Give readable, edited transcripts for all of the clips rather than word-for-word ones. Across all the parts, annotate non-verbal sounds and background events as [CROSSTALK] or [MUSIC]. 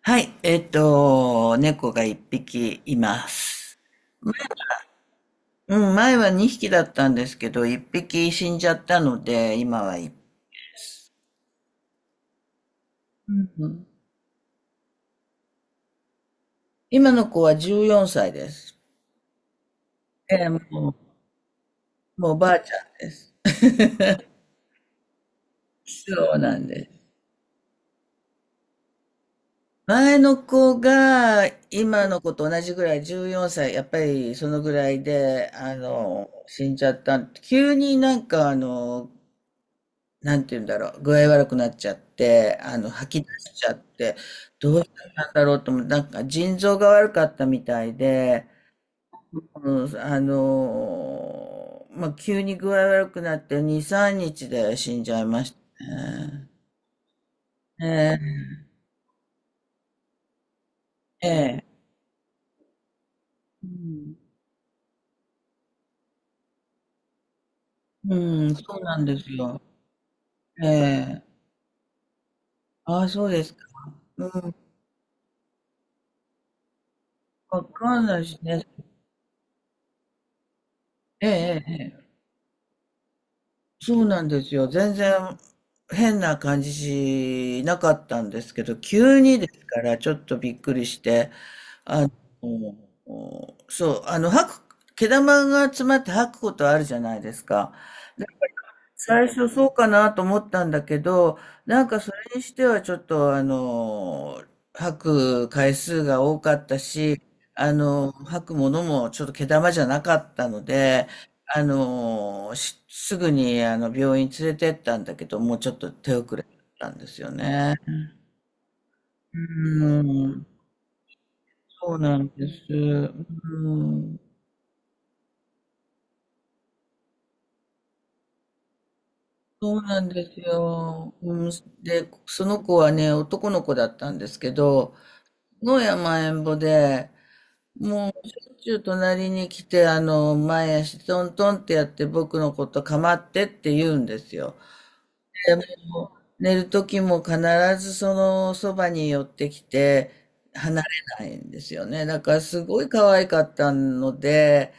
はい。猫が一匹います。うん、前は二匹だったんですけど、一匹死んじゃったので、今は一ううん、今の子は14歳です。ええ、もう、もうおばあちゃんです。そうなんです。前の子が今の子と同じぐらい14歳、やっぱりそのぐらいで、死んじゃった。急になんか、なんて言うんだろう、具合悪くなっちゃって、吐き出しちゃって、どうしたんだろうと思って、なんか腎臓が悪かったみたいで、うん、まあ、急に具合悪くなって2、3日で死んじゃいましたね。ええ、ええ、うん、うん、そうなんですよ。ええ、ああ、そうですか。うん、わかんないしね。ええ、ええ。そうなんですよ。全然変な感じしなかったんですけど、急にですからちょっとびっくりして、うんうんそう、毛玉が詰まって吐くことあるじゃないですか。最初そうかなと思ったんだけど、なんかそれにしてはちょっと吐く回数が多かったし、吐くものもちょっと毛玉じゃなかったので、すぐに病院連れてったんだけど、もうちょっと手遅れだったんですよね。うん、そうなんです。うん、そうなんですよ。うん、で、その子はね、男の子だったんですけど、野山えんぼで、もうしょっちゅう隣に来て、前足トントンってやって僕のこと構ってって言うんですよ。でもう寝る時も必ずそのそばに寄ってきて離れないんですよね。だからすごい可愛かったので、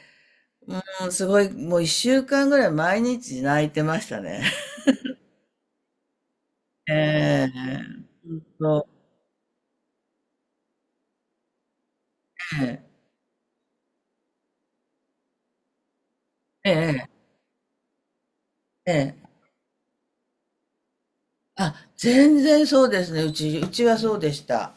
うん、すごい、もう一週間ぐらい毎日泣いてましたね。[LAUGHS] ええ、そう、ええええええ、あ、全然そうですね。うち、うちはそうでした。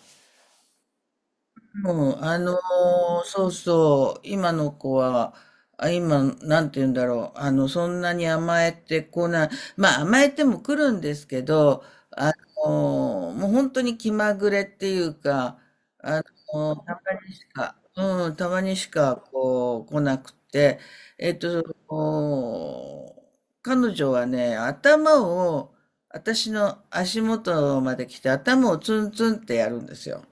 もう、そうそう、今の子は、あ、今、なんて言うんだろう、そんなに甘えてこない、まあ、甘えても来るんですけど、あもう本当に気まぐれっていうか、あたまにしか、うん、たまにしか、こう、来なくて、えっと、お彼女はね、頭を、私の足元まで来て、頭をツンツンってやるんですよ。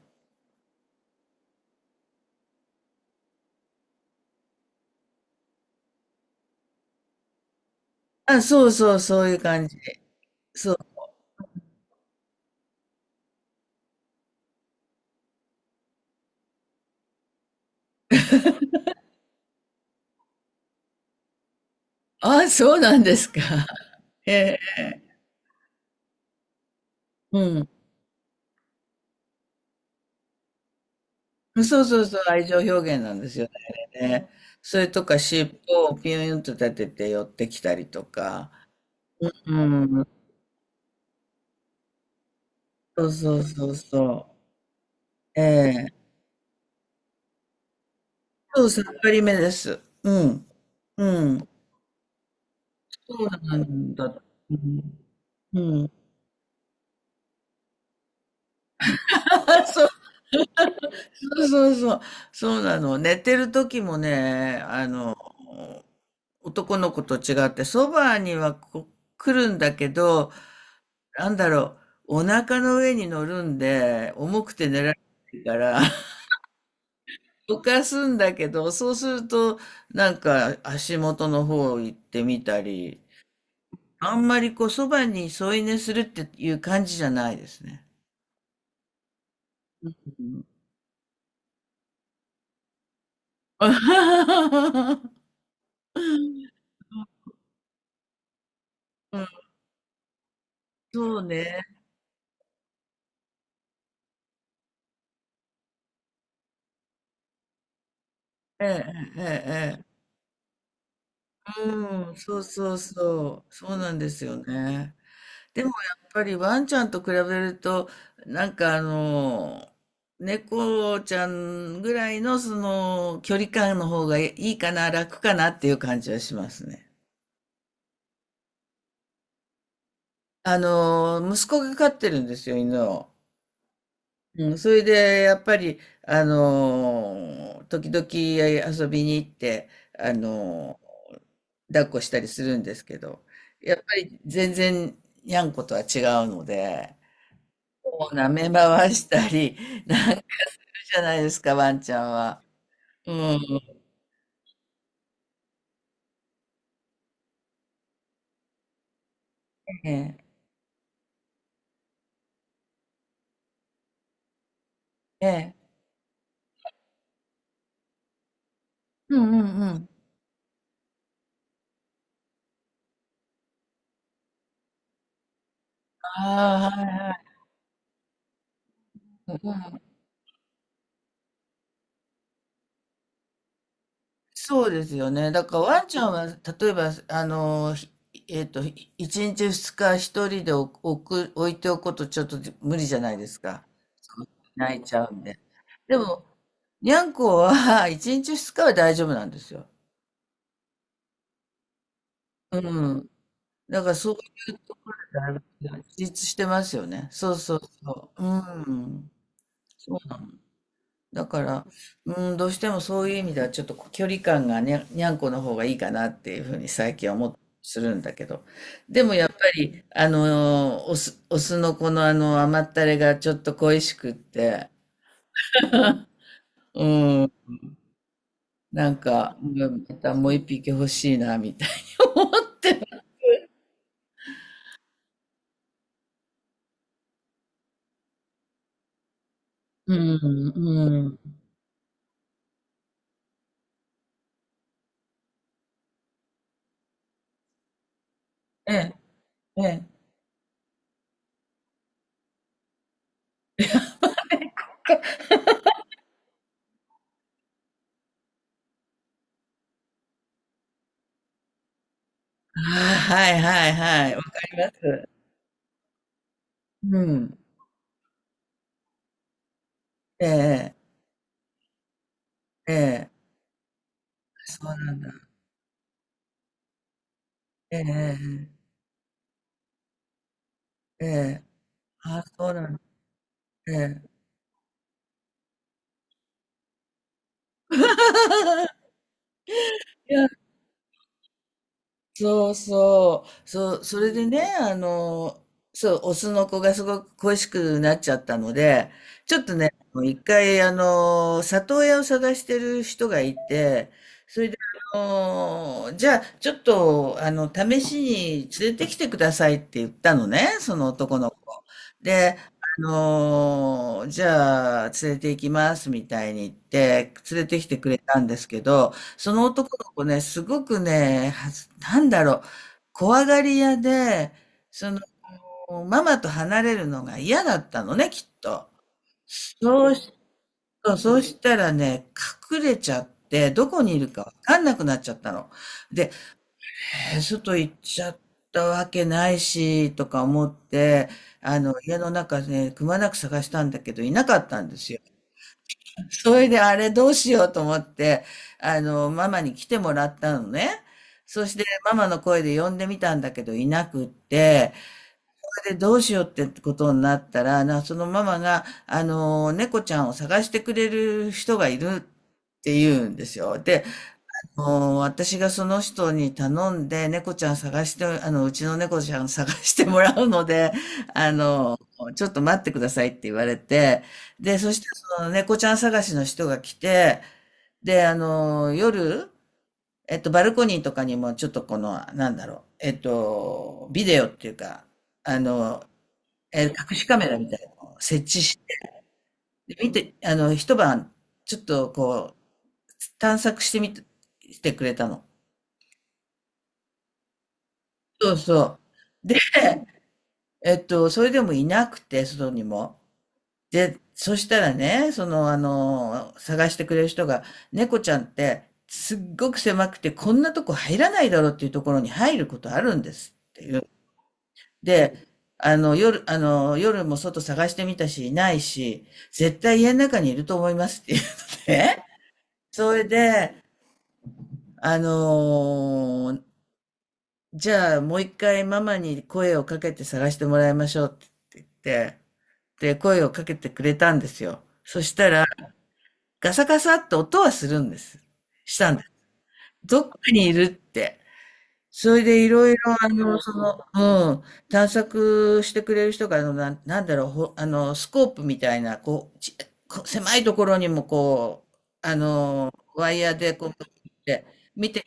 あ、そうそう、そういう感じで。そう。あ、そうなんですか。[LAUGHS] ええ。うん。そうそうそう、愛情表現なんですよね。れねそれとか、尻尾をピューンと立てて寄ってきたりとか。うん。そうそうそうそう。ええ。そう、さっぱりめです。うん。うん。そうなんだ。うん。うん。[LAUGHS] そうそうそうそう。そうなの。寝てる時もね、男の子と違って、そばにはこ来るんだけど、なんだろう、お腹の上に乗るんで、重くて寝られないから、[LAUGHS] どかすんだけど、そうすると、なんか足元の方行ってみたり、あんまりこう、そばに添い寝するっていう感じじゃないですね。うん [LAUGHS] うんそうね。ええええええ。うん、そうそうそう。そうなんですよね。でもやっぱりワンちゃんと比べると、なんか、猫ちゃんぐらいのその距離感の方がいいかな、楽かなっていう感じはしますね。息子が飼ってるんですよ、犬を。うん、それで、やっぱり、時々遊びに行って、あのー抱っこしたりするんですけど、やっぱり全然、にゃんことは違うので、こう舐め回したり、[LAUGHS] なんかじゃないですか、ワンちゃんは。うん。ええ。ええ。うんうんうん。ああ、はいはい。うん、そうですよね。だからワンちゃんは、例えば、あの、ひえっと、ひ一日二日一人で置置く、置いておくこと、ちょっと無理じゃないですか。そう泣いちゃうんで。でも、にゃんこは [LAUGHS] 一日二日は大丈夫なんですよ。うん。だからそういう、[LAUGHS] だいぶ自立してますよね。そうそうそう。うん。そうなの。だから、うん、どうしてもそういう意味ではちょっと距離感がにゃ、にゃんこの方がいいかなっていうふうに最近は思ってするんだけど。でもやっぱり、オス、オスのこの甘ったれがちょっと恋しくって、うん、なんか、うんまたもう一匹欲しいな、みたいに思ってうん、うん。ええ、ええ。ああ、はいはいはい。わかります。うん。ええ、ええ。ええ、そうなんだ。ええ、ええ。ええ、ああ、そうなん、ええ。[LAUGHS] いや、そうそう、そう、それでね、そう、オスの子がすごく恋しくなっちゃったので、ちょっとね、もう一回、里親を探してる人がいて、それで、あじゃあ、ちょっと、試しに連れてきてくださいって言ったのね、その男の子。で、じゃあ、連れて行きますみたいに言って、連れてきてくれたんですけど、その男の子ね、すごくね、はずなんだろう、怖がり屋で、その、ママと離れるのが嫌だったのね、きっと。そうしそうそうしたらね、隠れちゃって、どこにいるかわかんなくなっちゃったの。で、外行っちゃったわけないし、とか思って、家の中ね、くまなく探したんだけど、いなかったんですよ。それであれどうしようと思って、ママに来てもらったのね。そしてママの声で呼んでみたんだけどいなくって、それでどうしようってことになったら、な、そのママが、猫ちゃんを探してくれる人がいるって言うんですよ。で、もう私がその人に頼んで、猫ちゃん探して、うちの猫ちゃん探してもらうので、[LAUGHS] あの、ちょっと待ってくださいって言われて、で、そしてその猫ちゃん探しの人が来て、で、夜、バルコニーとかにもちょっとこの、なんだろう、ビデオっていうか、あの、え、隠しカメラみたいなのを設置して、見て、一晩、ちょっとこう、探索してみて、してくれたの。そうそう。で、それでもいなくて、外にも。で、そしたらね、その、探してくれる人が、猫ちゃんって、すっごく狭くて、こんなとこ入らないだろうっていうところに入ることあるんですっていう。で、夜、夜も外探してみたし、いないし、絶対家の中にいると思いますっていうので、それで、あのじゃあもう一回ママに声をかけて探してもらいましょうって言って、で、声をかけてくれたんですよ。そしたら、ガサガサって音はするんです。したんです。どっかにいるって。それでいろいろ、その、うん、探索してくれる人が、なん、なんだろう、ほ、あの、スコープみたいな、こう、ち、こう狭いところにもこう、ワイヤーでこう、見て、見て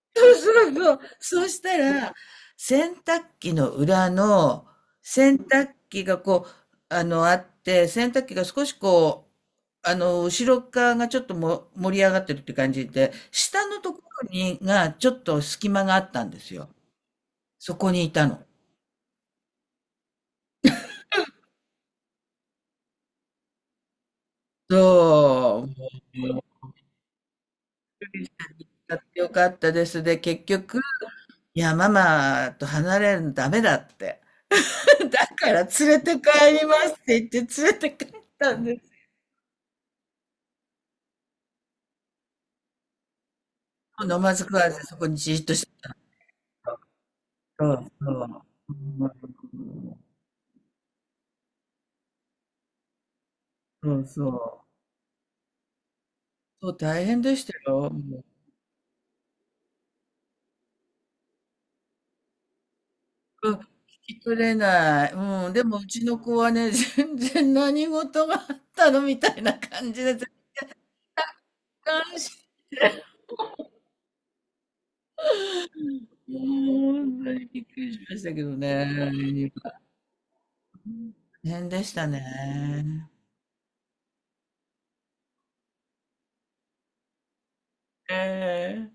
[LAUGHS] そうそうそう。そうしたら、洗濯機の裏の、洗濯機がこう、あって、洗濯機が少しこう、後ろ側がちょっとも盛り上がってるって感じで、下のところに、が、ちょっと隙間があったんですよ。そこにいたの。そう。もう買ってよかったです。で、結局、いや、ママと離れるのダメだって。[LAUGHS] だから連れて帰りますって言って連れて帰ったんです。飲まず食わずそこにじーっとして、そうそう。うん、そうそう。そう、大変でしたよ。もう、うん、聞き取れない。うん、でもうちの子はね、[LAUGHS] 全然何事があったのみたいな感じで、全然し、もう本当にびっくりしましたけどね。大変でしたね。ええ